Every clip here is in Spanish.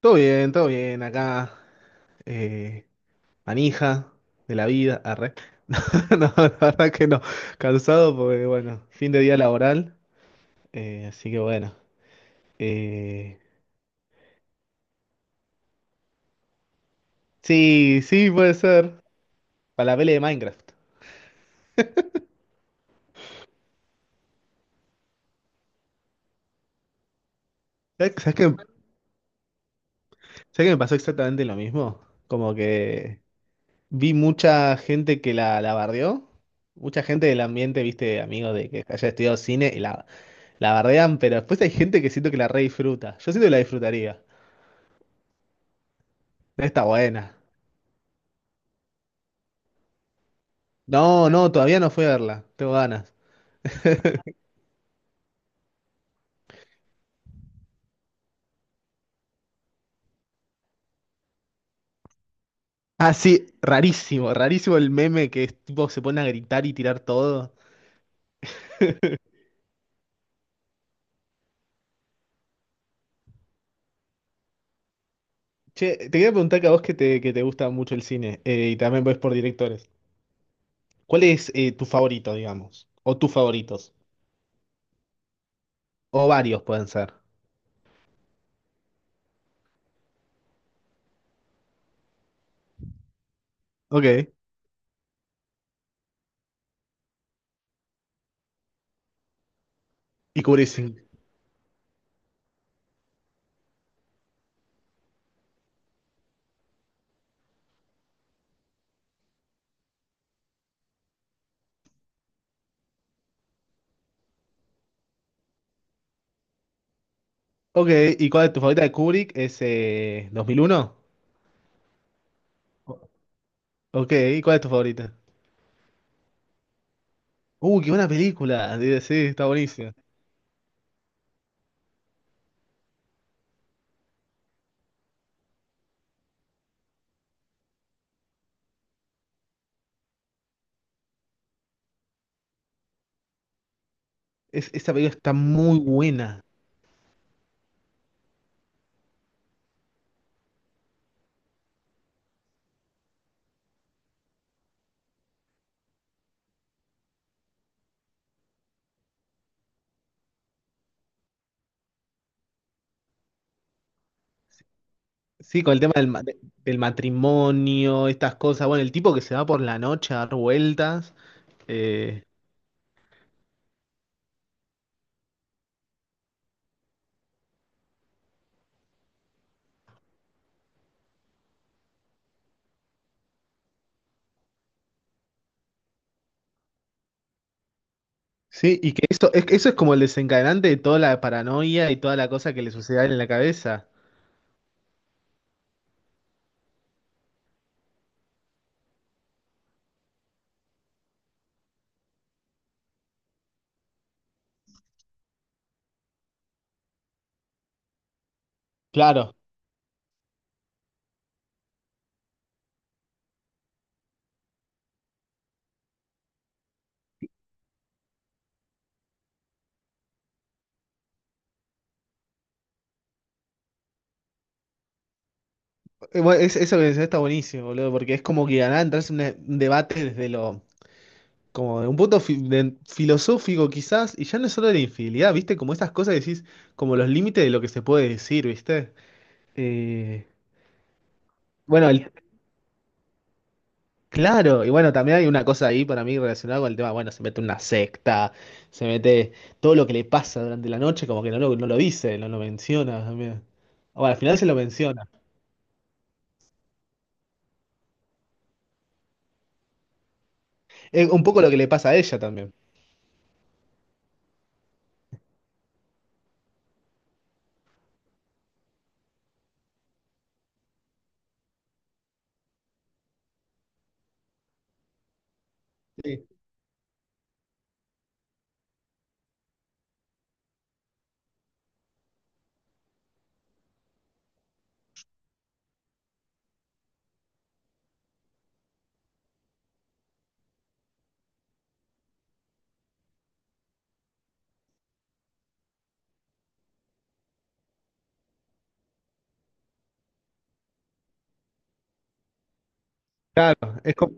Todo bien, acá, eh, manija de la vida, arre. No, no, la verdad que no, cansado porque, bueno, fin de día laboral, así que bueno. eh, sí, sí, puede ser, para la pelea de Minecraft. ¿Sabes qué me pasó exactamente lo mismo? Como que vi mucha gente que la bardeó, mucha gente del ambiente, viste, amigos de que haya estudiado cine, y la bardean, pero después hay gente que siento que la re disfruta. Yo siento que la disfrutaría. Está buena. No, no, todavía no fui a verla. Tengo ganas. Ah, sí, rarísimo, rarísimo el meme que es tipo se pone a gritar y tirar todo. Che, te quería preguntar que a vos que te gusta mucho el cine y también ves por directores. ¿Cuál es tu favorito, digamos? O tus favoritos. O varios pueden ser. Ok. Y Kubrick. Sí. Ok, ¿y cuál es tu favorita de Kubrick? ¿Es 2001? O- Ok, ¿y cuál es tu favorita? Qué buena película. Sí, sí, está buenísima. Es, esa película está muy buena. Sí, con el tema del del matrimonio, estas cosas. Bueno, el tipo que se va por la noche a dar vueltas. eh, sí, y que eso es como el desencadenante de toda la paranoia y toda la cosa que le sucede a él en la cabeza. Claro. Bueno, eso que decís está buenísimo, boludo, porque es como que ganar, entras en un debate desde lo, como de un punto filosófico quizás, y ya no es solo de la infidelidad, ¿viste? Como estas cosas que decís, como los límites de lo que se puede decir, ¿viste? Eh, bueno, el, Claro, y bueno, también hay una cosa ahí para mí relacionada con el tema, bueno, se mete en una secta, se mete todo lo que le pasa durante la noche, como que no lo dice, no lo menciona también. Bueno, al final se lo menciona. Es un poco lo que le pasa a ella también. Sí, claro, es, como-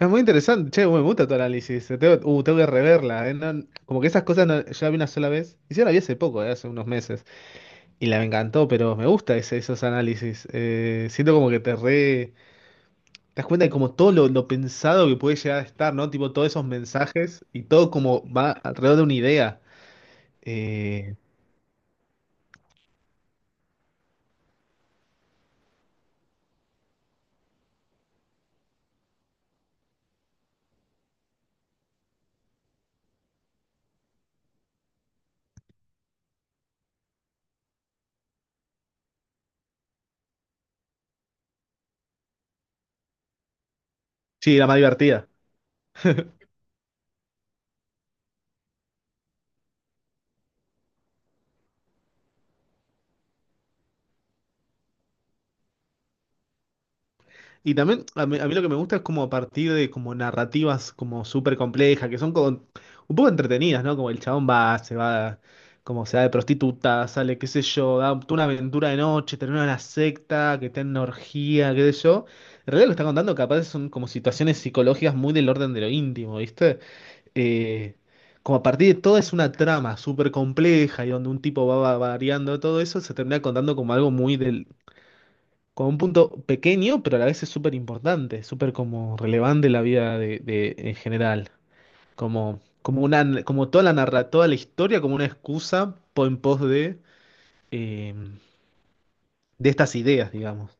es muy interesante, che, me gusta tu análisis, tengo, tengo que reverla, como que esas cosas yo la vi una sola vez, y sí, la vi hace poco, hace unos meses, y la me encantó, pero me gusta esos análisis, siento como que te re... Te das cuenta de como todo lo pensado que puede llegar a estar, ¿no? Tipo, todos esos mensajes y todo como va alrededor de una idea. Eh, sí, la más divertida. Y también a mí lo que me gusta es como a partir de como narrativas como súper complejas, que son como un poco entretenidas, ¿no? Como el chabón se va, como se va de prostituta, sale, qué sé yo, da toda una aventura de noche, termina en una secta, que está en una orgía, qué sé yo. En realidad lo que está contando capaz son como situaciones psicológicas muy del orden de lo íntimo, ¿viste? eh, Como a partir de todo es una trama súper compleja y donde un tipo va, va variando todo eso, se termina contando como algo muy del, como un punto pequeño, pero a la vez es súper importante, súper como relevante en la vida en general. Como, como toda toda la historia como una excusa en pos eh, de estas ideas, digamos.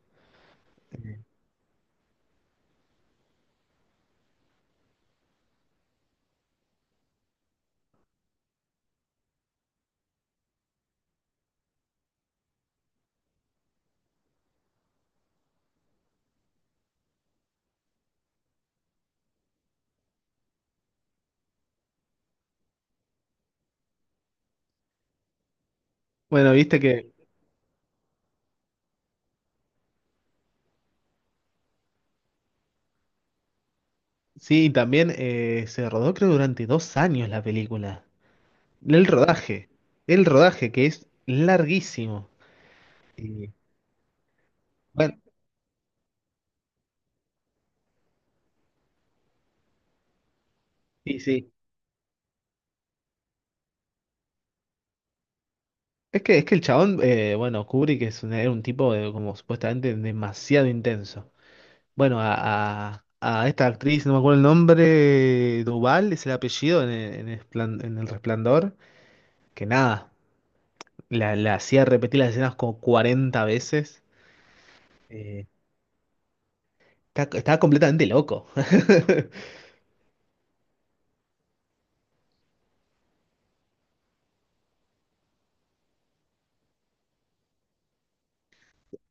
Bueno, viste que sí, también se rodó creo durante 2 años la película. El rodaje, el rodaje que es larguísimo. Y, bueno, y sí. Es que el chabón, bueno, Kubrick era un tipo de, como supuestamente demasiado intenso. Bueno, a esta actriz, no me acuerdo el nombre, Duval es el apellido en en el en El Resplandor, que nada, la hacía repetir las escenas como 40 veces. Eh, Estaba completamente loco.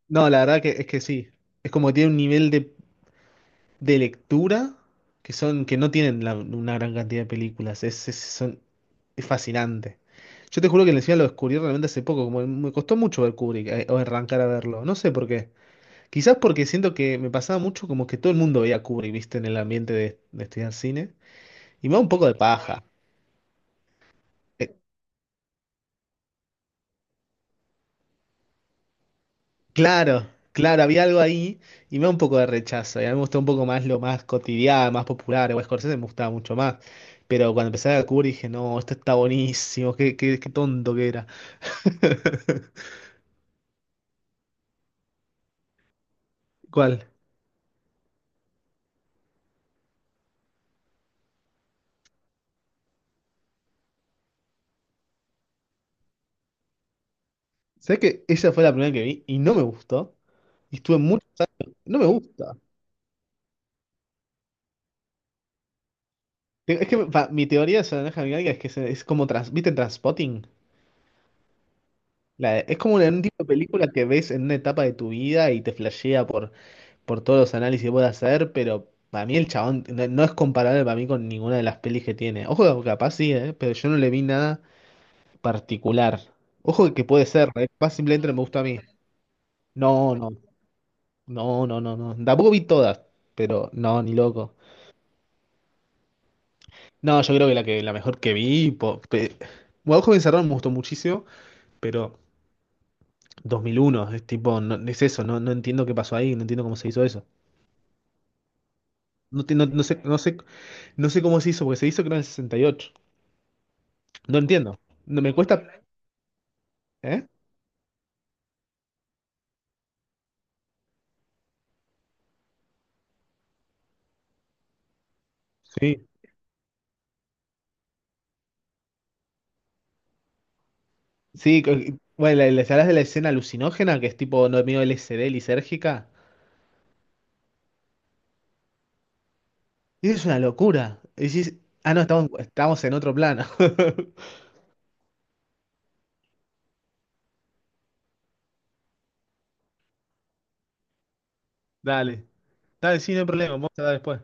No, la verdad que es que sí. Es como que tiene un nivel de lectura que son, que no tienen una gran cantidad de películas. Es fascinante. Yo te juro que encima lo descubrí realmente hace poco, como me costó mucho ver Kubrick o arrancar a verlo. No sé por qué. Quizás porque siento que me pasaba mucho como que todo el mundo veía Kubrick, viste, en el ambiente de estudiar cine. Y me da un poco de paja. Eh, Claro, claro, había algo ahí y me da un poco de rechazo. Y a mí me gustó un poco más lo más cotidiano, más popular. O Scorsese me gustaba mucho más. Pero cuando empecé a descubrir dije, no, esto está buenísimo, qué tonto que era. ¿Cuál? ¿Sabes que esa fue la primera que vi y no me gustó? Y estuve mucho. No me gusta. Es que mi teoría de la naranja mecánica es que es como. ¿Viste Transpotting? Es como un tipo de película que ves en una etapa de tu vida y te flashea por. Por todos los análisis que pueda hacer, pero para mí el chabón no es comparable para mí con ninguna de las pelis que tiene. Ojo, que capaz sí, pero yo no le vi nada particular. Ojo que puede ser, capaz simplemente no me gusta a mí. No, no, no, no, no, no. Tampoco vi todas, pero no, ni loco. No, yo creo que la mejor que vi, bueno, Ojo de me gustó muchísimo, pero 2001, es tipo, no, es eso, no, no entiendo qué pasó ahí, no entiendo cómo se hizo eso. No, no sé, no sé cómo se hizo, porque se hizo creo en el 68. No entiendo. No me cuesta. ¿Eh? Sí, sí, bueno, ¿sabés de la escena alucinógena que es tipo no medio LSD lisérgica? Y es una locura. Y decís, ah, no, estamos en otro plano. Dale. Dale, sí, no hay problema. Vamos a dar después.